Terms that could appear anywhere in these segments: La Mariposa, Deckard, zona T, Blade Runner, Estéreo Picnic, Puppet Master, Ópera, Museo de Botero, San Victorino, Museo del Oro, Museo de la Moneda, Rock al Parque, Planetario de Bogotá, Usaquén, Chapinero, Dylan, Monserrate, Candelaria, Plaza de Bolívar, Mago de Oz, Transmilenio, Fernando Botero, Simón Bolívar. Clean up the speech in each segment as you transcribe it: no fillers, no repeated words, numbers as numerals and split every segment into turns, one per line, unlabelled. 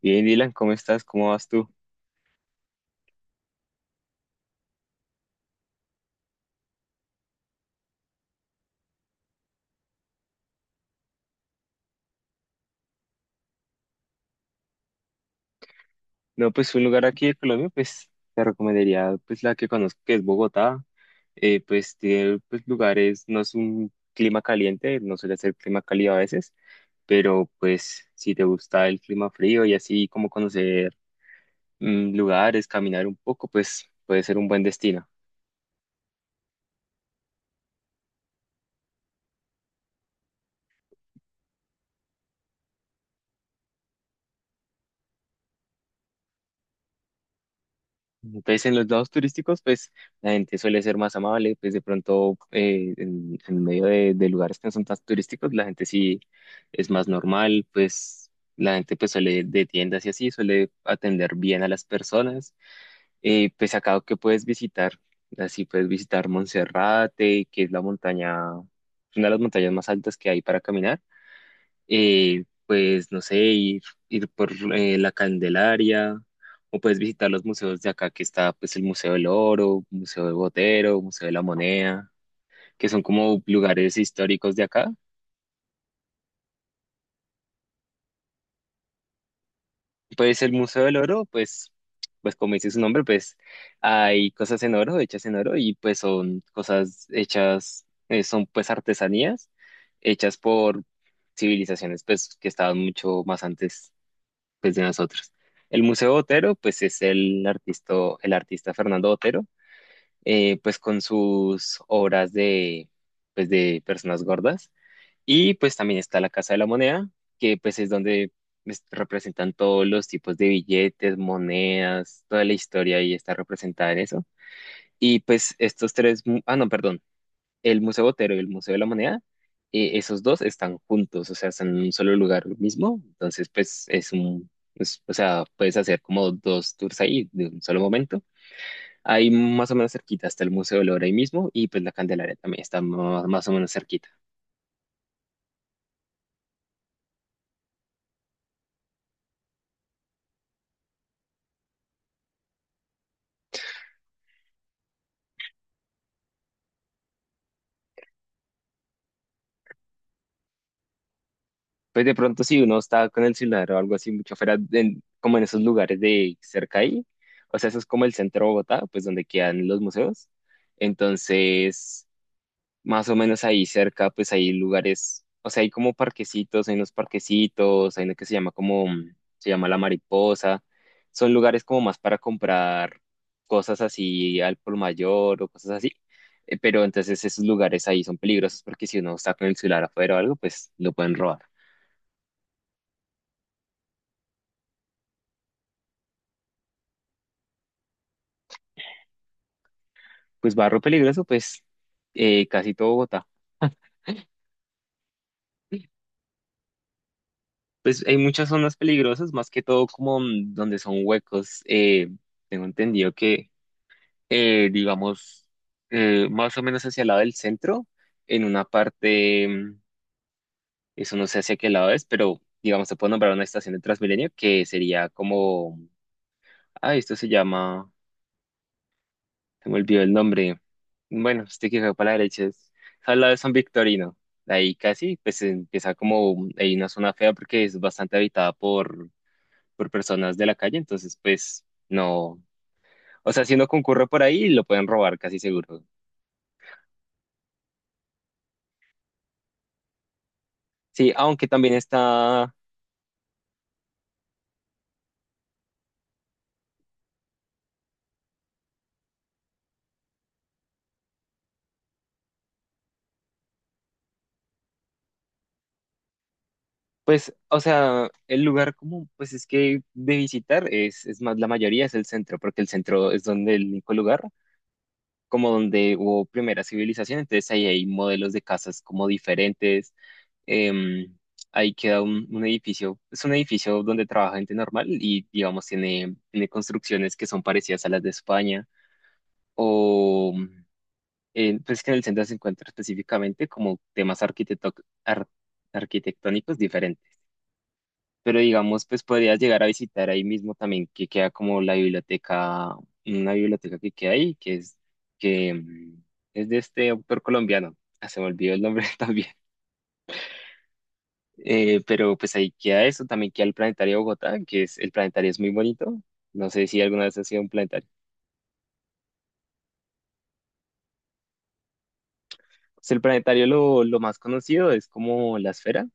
Bien, Dylan, ¿cómo estás? ¿Cómo vas tú? No, pues un lugar aquí de Colombia, pues te recomendaría pues la que conozco, que es Bogotá. Pues tiene pues, lugares, no es un clima caliente, no suele ser clima cálido a veces, pero pues si te gusta el clima frío y así como conocer lugares, caminar un poco, pues puede ser un buen destino. Entonces, en los lados turísticos, pues la gente suele ser más amable, pues de pronto en, medio de, lugares que no son tan turísticos, la gente sí es más normal, pues la gente pues suele de tiendas y así, suele atender bien a las personas. Pues acá que puedes visitar, así puedes visitar Monserrate, que es la montaña, una de las montañas más altas que hay para caminar, pues no sé, ir, por la Candelaria, o puedes visitar los museos de acá, que está pues el Museo del Oro, Museo de Botero, Museo de la Moneda, que son como lugares históricos de acá. Pues el Museo del Oro, pues, como dice su nombre, pues hay cosas en oro, hechas en oro, y pues son cosas hechas, son pues artesanías hechas por civilizaciones pues que estaban mucho más antes pues de nosotros. El Museo Botero, pues es el artista, Fernando Botero, pues con sus obras de, pues de personas gordas. Y pues también está la Casa de la Moneda, que pues es donde representan todos los tipos de billetes, monedas; toda la historia ahí está representada en eso. Y pues estos tres, ah, no, perdón, el Museo Botero y el Museo de la Moneda, esos dos están juntos, o sea, están en un solo lugar mismo. Entonces, pues es un, o sea, puedes hacer como dos tours ahí de un solo momento. Ahí más o menos cerquita está el Museo del Oro ahí mismo, y pues la Candelaria también está más, o menos cerquita. Pues de pronto si uno está con el celular o algo así mucho fuera, como en esos lugares de cerca ahí, o sea, eso es como el centro de Bogotá, pues donde quedan los museos. Entonces, más o menos ahí cerca, pues hay lugares, o sea, hay como parquecitos, hay unos parquecitos, hay uno que se llama como, se llama La Mariposa, son lugares como más para comprar cosas así al por mayor o cosas así. Pero entonces esos lugares ahí son peligrosos, porque si uno está con el celular afuera o algo, pues lo pueden robar. Pues barrio peligroso, pues casi todo Bogotá. Pues hay muchas zonas peligrosas, más que todo como donde son huecos. Tengo entendido que, digamos, más o menos hacia el lado del centro, en una parte, eso no sé hacia qué lado es, pero digamos, se puede nombrar una estación de Transmilenio que sería como, ah, esto se llama, se me olvidó el nombre, bueno, este que va para la derecha es, al lado de San Victorino. Ahí casi, pues empieza como, hay una zona fea porque es bastante habitada por, personas de la calle, entonces pues no, o sea, si uno concurre por ahí, lo pueden robar casi seguro. Sí, aunque también está. Pues, o sea, el lugar como, pues es que de visitar es, más, la mayoría es el centro, porque el centro es donde el único lugar, como donde hubo primera civilización, entonces ahí hay modelos de casas como diferentes. em, ahí queda un, edificio, es un edificio donde trabaja gente normal, y, digamos, tiene construcciones que son parecidas a las de España, o, pues que en el centro se encuentra específicamente como temas ar- arquitectónicos diferentes. Pero digamos, pues podrías llegar a visitar ahí mismo también, que queda como la biblioteca, una biblioteca que queda ahí, que es de este autor colombiano. Ah, se me olvidó el nombre también. Pero pues ahí queda eso; también queda el Planetario de Bogotá, que es, el Planetario es muy bonito. No sé si alguna vez has sido un planetario. Pues el Planetario, lo más conocido es como la esfera,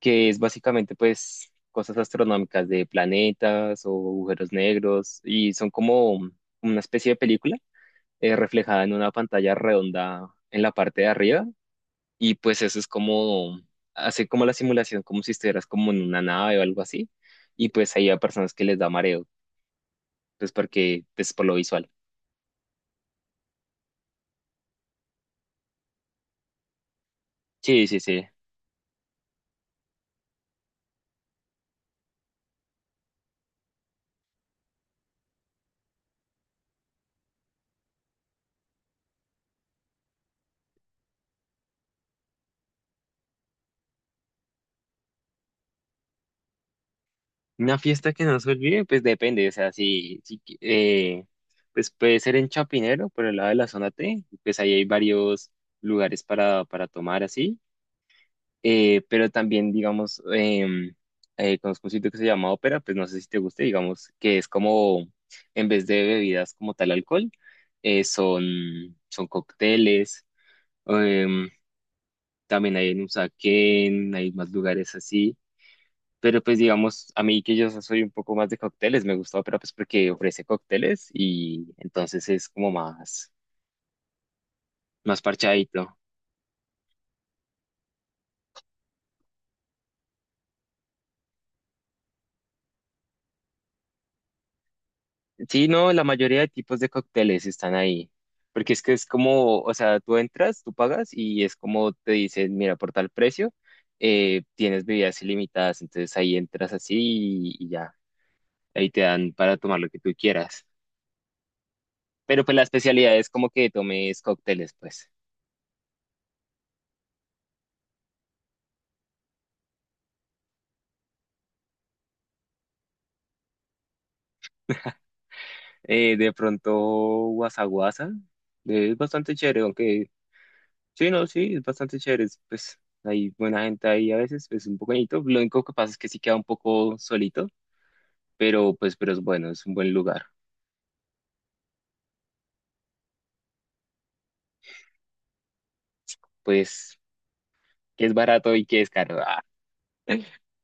que es básicamente pues cosas astronómicas de planetas o agujeros negros, y son como, una especie de película, reflejada en una pantalla redonda en la parte de arriba, y pues eso es como, hace como la simulación, como si estuvieras como en una nave o algo así. Y pues ahí hay personas que les da mareo, pues porque es por lo visual. Sí, sí, sí. Una fiesta que no se olvide, pues depende, o sea, si pues puede ser en Chapinero, por el lado de la zona T, pues ahí hay varios lugares para, tomar así. Pero también, digamos, conozco un sitio que se llama Ópera, pues no sé si te guste, digamos, que es como, en vez de bebidas como tal alcohol, son cócteles. em, también hay en Usaquén, hay más lugares así, pero pues digamos, a mí que yo soy un poco más de cócteles, me gusta Ópera, pues porque ofrece cócteles, y entonces es como más parchadito. Sí, no, la mayoría de tipos de cócteles están ahí, porque es que es como, o sea, tú entras, tú pagas, y es como te dicen, mira, por tal precio, tienes bebidas ilimitadas, entonces ahí entras así y ya, ahí te dan para tomar lo que tú quieras. Pero pues la especialidad es como que tomes cócteles, pues. De pronto, guasa guasa, es bastante chévere, aunque sí, no, sí, es bastante chévere, es, pues hay buena gente ahí a veces, es un poco bonito, lo único que pasa es que sí queda un poco solito, pero pues, pero es bueno, es un buen lugar. Pues, ¿qué es barato y qué es caro? Ah,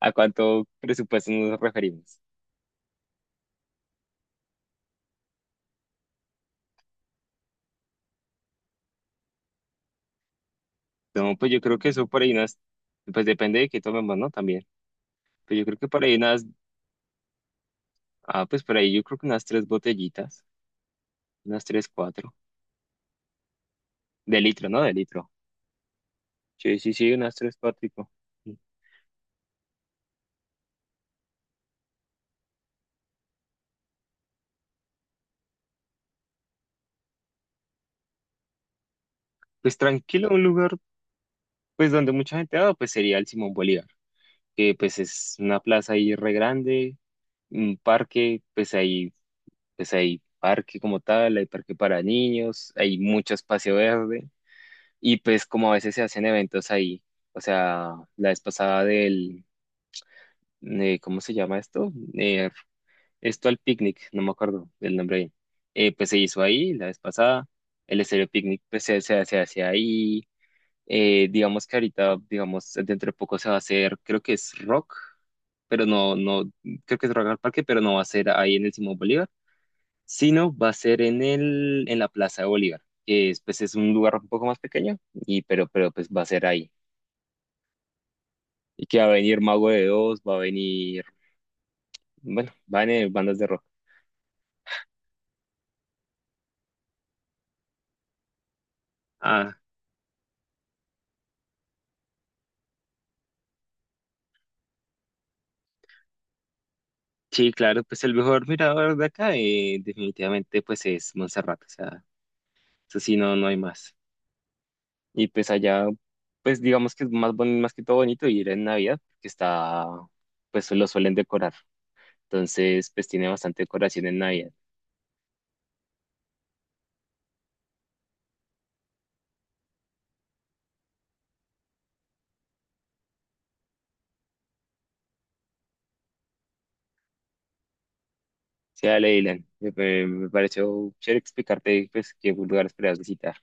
¿a cuánto presupuesto nos referimos? No, pues yo creo que eso por ahí unas, pues depende de qué tomemos, ¿no? También. Pues yo creo que por ahí unas, pues por ahí yo creo que unas tres botellitas, unas tres, cuatro, de litro, ¿no? De litro. Sí, sí, sí, unas tres, cuatro. Pues tranquilo, un lugar, pues donde mucha gente va, pues sería el Simón Bolívar, que pues es una plaza ahí re grande, un parque, pues ahí pues hay parque como tal, hay parque para niños, hay mucho espacio verde, y pues como a veces se hacen eventos ahí. O sea, la vez pasada del, ¿cómo se llama esto? Esto al picnic, no me acuerdo el nombre ahí. Pues se hizo ahí la vez pasada, el estéreo picnic pues se hace ahí. Digamos que ahorita, digamos, dentro de poco se va a hacer, creo que es rock. Pero no, no, creo que es Rock al Parque, pero no va a ser ahí en el Simón Bolívar, sino va a ser en la Plaza de Bolívar, que es, pues, es un lugar un poco más pequeño, y, pero pues va a ser ahí. Y que va a venir Mago de Oz, va a venir, bueno, van a venir bandas de rock. Ah, sí, claro, pues el mejor mirador de acá, definitivamente pues es Monserrate, o sea, eso sí, no, no hay más. Y pues allá, pues digamos que es más, más que todo bonito ir en Navidad, que está, pues lo suelen decorar. Entonces, pues tiene bastante decoración en Navidad. Sí, dale, Dylan. Me pareció chévere explicarte pues qué lugares podrías visitar.